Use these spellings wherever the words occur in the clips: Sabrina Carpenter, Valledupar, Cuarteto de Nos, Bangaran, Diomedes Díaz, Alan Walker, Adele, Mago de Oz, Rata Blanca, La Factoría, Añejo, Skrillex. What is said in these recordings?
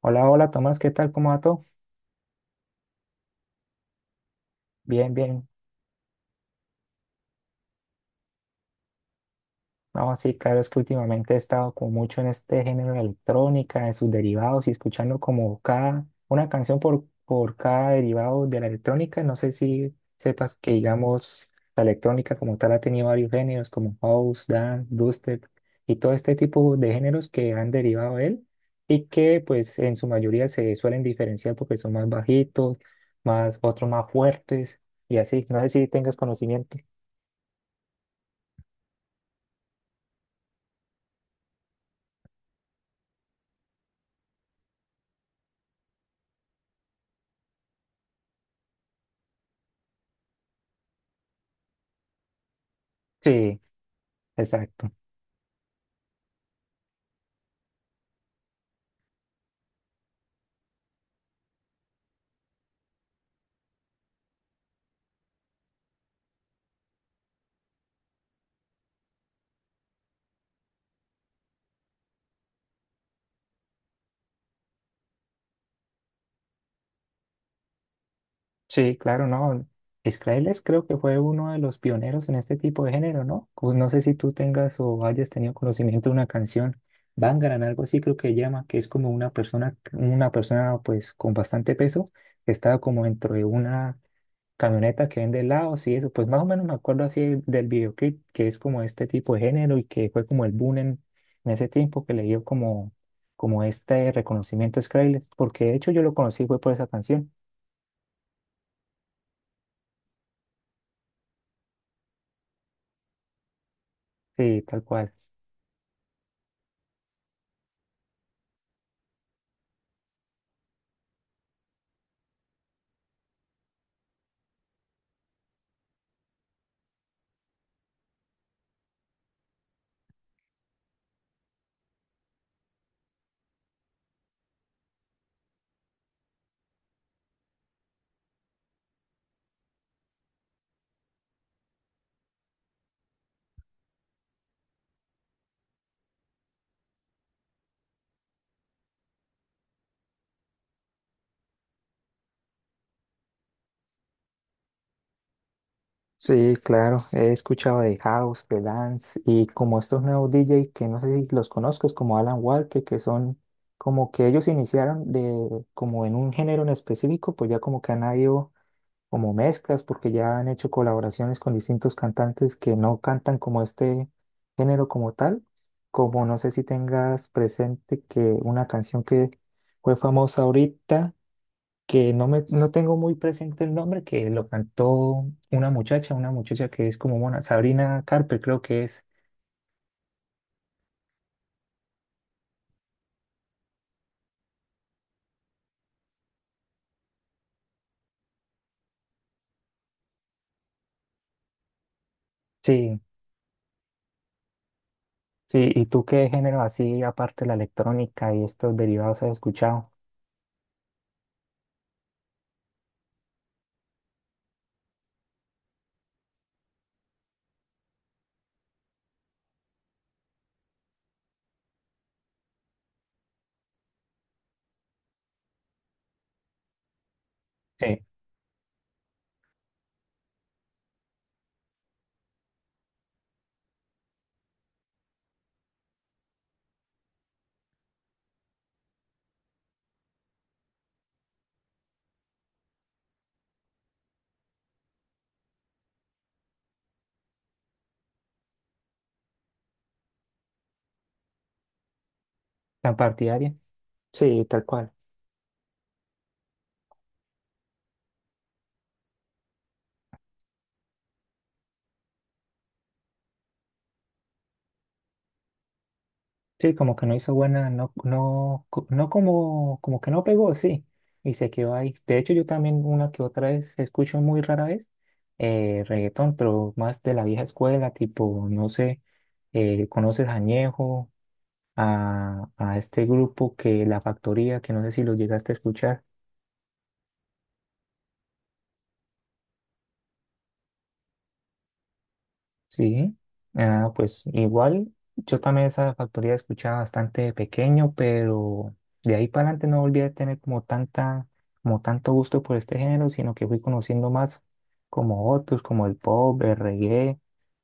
Hola, hola Tomás, ¿qué tal? ¿Cómo va todo? Bien, bien. No, sí, claro, es que últimamente he estado como mucho en este género de electrónica, en sus derivados y escuchando como cada, una canción por cada derivado de la electrónica. No sé si sepas que, digamos, la electrónica como tal ha tenido varios géneros como house, dance, dubstep y todo este tipo de géneros que han derivado de él y que pues en su mayoría se suelen diferenciar porque son más bajitos, más, otros más fuertes y así. No sé si tengas conocimiento. Sí, exacto. Sí, claro, no. Skrillex creo que fue uno de los pioneros en este tipo de género, ¿no? Pues no sé si tú tengas o hayas tenido conocimiento de una canción, Bangaran, algo así creo que llama, que es como una persona pues con bastante peso, que estaba como dentro de una camioneta que vende helados y eso, pues más o menos me acuerdo así del videoclip, que es como este tipo de género y que fue como el boom en ese tiempo que le dio como, como este reconocimiento a Skrillex, porque de hecho yo lo conocí fue por esa canción. Sí, tal cual. Sí, claro, he escuchado de House, de Dance y como estos nuevos DJ que no sé si los conozcas, como Alan Walker, que son como que ellos iniciaron de como en un género en específico, pues ya como que han habido como mezclas porque ya han hecho colaboraciones con distintos cantantes que no cantan como este género como tal, como no sé si tengas presente que una canción que fue famosa ahorita que no me no tengo muy presente el nombre, que lo cantó una muchacha que es como mona, Sabrina Carpenter creo que es. Sí, sí, ¿y tú qué género así, aparte de la electrónica y estos derivados has escuchado? Sí. ¿Tan partidaria? Sí, tal cual. Sí, como que no hizo buena, no, no, no como, como que no pegó, sí, y se quedó ahí. De hecho, yo también una que otra vez escucho muy rara vez reggaetón, pero más de la vieja escuela, tipo, no sé, ¿conoces Añejo? A este grupo que La Factoría, que no sé si lo llegaste a escuchar. Sí, ah, pues igual, yo también esa factoría escuchaba bastante de pequeño, pero de ahí para adelante no volví a tener como tanta, como tanto gusto por este género, sino que fui conociendo más como otros, como el pop, el reggae,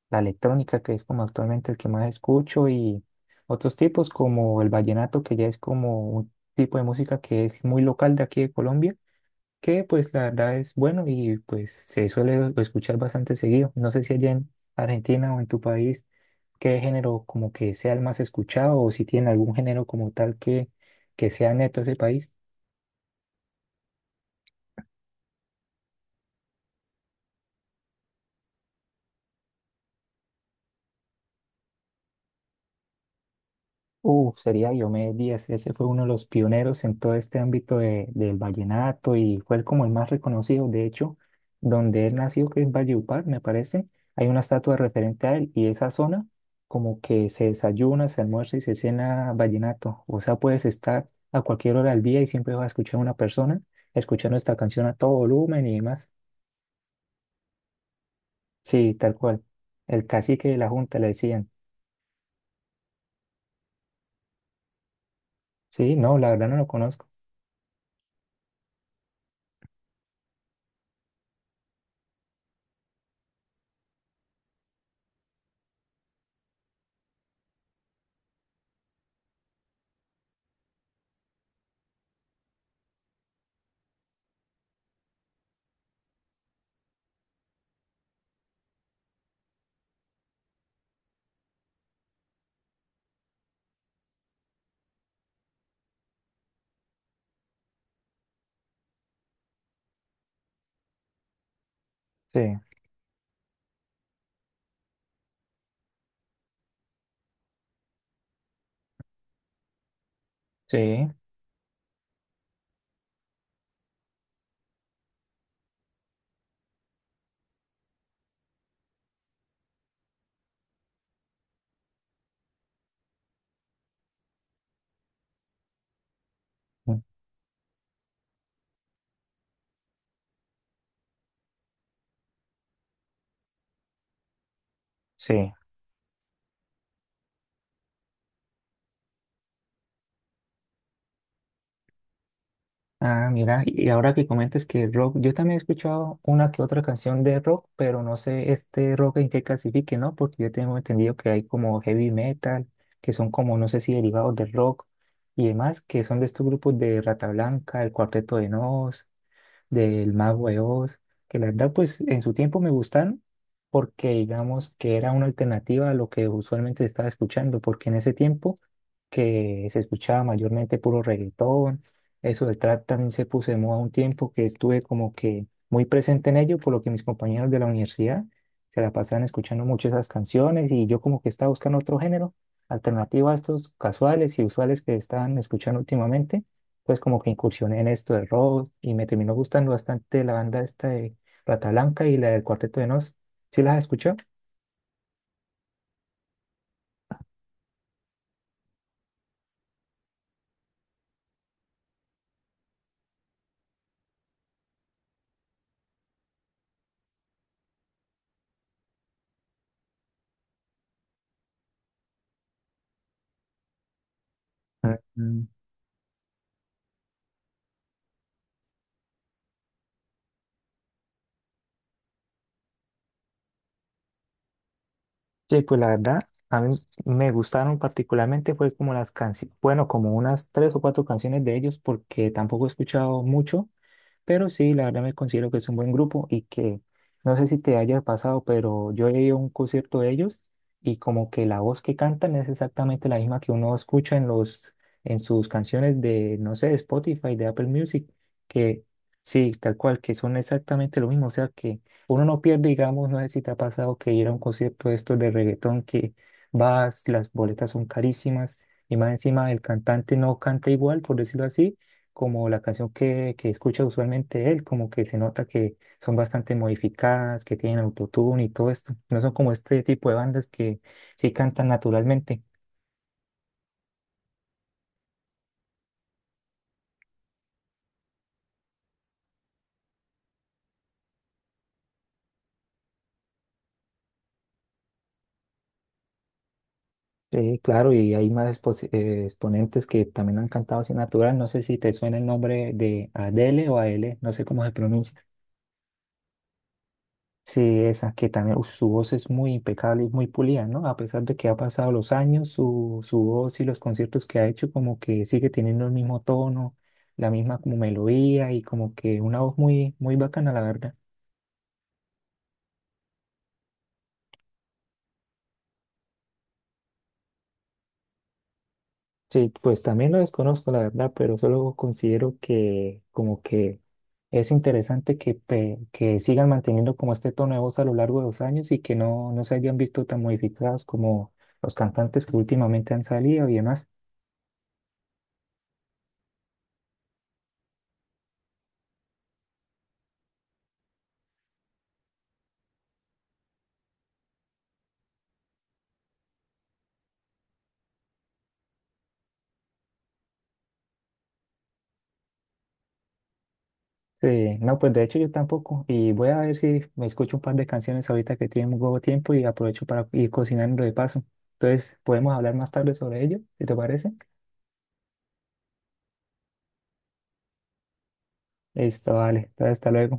la electrónica, que es como actualmente el que más escucho, y otros tipos como el vallenato, que ya es como un tipo de música que es muy local de aquí de Colombia que pues la verdad es bueno y pues se suele escuchar bastante seguido. No sé si allá en Argentina o en tu país, qué género como que sea el más escuchado o si tiene algún género como tal que sea neto ese país. Sería Diomedes Díaz, ese fue uno de los pioneros en todo este ámbito del vallenato y fue el como el más reconocido, de hecho, donde él nació, que es Valledupar, me parece, hay una estatua referente a él y esa zona como que se desayuna, se almuerza y se cena vallenato, o sea, puedes estar a cualquier hora del día y siempre vas a escuchar a una persona escuchando esta canción a todo volumen y demás. Sí, tal cual, el cacique de la junta le decían, sí, no, la verdad no lo conozco, sí, sí, mm, sí. Ah, mira, y ahora que comentas que rock, yo también he escuchado una que otra canción de rock, pero no sé este rock en qué clasifique, ¿no? Porque yo tengo entendido que hay como heavy metal, que son como, no sé si derivados del rock y demás, que son de estos grupos de Rata Blanca, el Cuarteto de Nos, del Mago de Oz, que la verdad pues en su tiempo me gustaron porque digamos que era una alternativa a lo que usualmente estaba escuchando, porque en ese tiempo que se escuchaba mayormente puro reggaetón, eso del trap también se puso de moda un tiempo que estuve como que muy presente en ello, por lo que mis compañeros de la universidad se la pasaban escuchando mucho esas canciones y yo como que estaba buscando otro género alternativo a estos casuales y usuales que estaban escuchando últimamente pues como que incursioné en esto de rock y me terminó gustando bastante la banda esta de Rata Blanca y la del Cuarteto de Nos. ¿Sí las escuchó? Sí, pues la verdad, a mí me gustaron particularmente, fue como las canciones, bueno, como unas tres o cuatro canciones de ellos, porque tampoco he escuchado mucho, pero sí, la verdad me considero que es un buen grupo y que no sé si te haya pasado, pero yo he ido a un concierto de ellos y como que la voz que cantan es exactamente la misma que uno escucha en los, en sus canciones de, no sé, de Spotify, de Apple Music, que sí, tal cual, que son exactamente lo mismo, o sea que uno no pierde, digamos, no sé si te ha pasado que ir a un concierto de estos de reggaetón que vas, las boletas son carísimas y más encima el cantante no canta igual, por decirlo así, como la canción que escucha usualmente él, como que se nota que son bastante modificadas, que tienen autotune y todo esto. No son como este tipo de bandas que sí cantan naturalmente. Sí, claro, y hay más exponentes que también han cantado así natural. No sé si te suena el nombre de Adele o Aele, no sé cómo se pronuncia. Sí, esa que también, uf, su voz es muy impecable y muy pulida, ¿no? A pesar de que ha pasado los años, su voz y los conciertos que ha hecho como que sigue teniendo el mismo tono, la misma como melodía y como que una voz muy, muy bacana, la verdad. Sí, pues también lo desconozco, la verdad, pero solo considero que como que es interesante que sigan manteniendo como este tono de voz a lo largo de los años y que no, no se hayan visto tan modificadas como los cantantes que últimamente han salido y demás. Sí, no, pues de hecho yo tampoco. Y voy a ver si me escucho un par de canciones ahorita que tengo tiempo y aprovecho para ir cocinando de paso. Entonces, podemos hablar más tarde sobre ello, si te parece. Listo, vale. Entonces, hasta luego.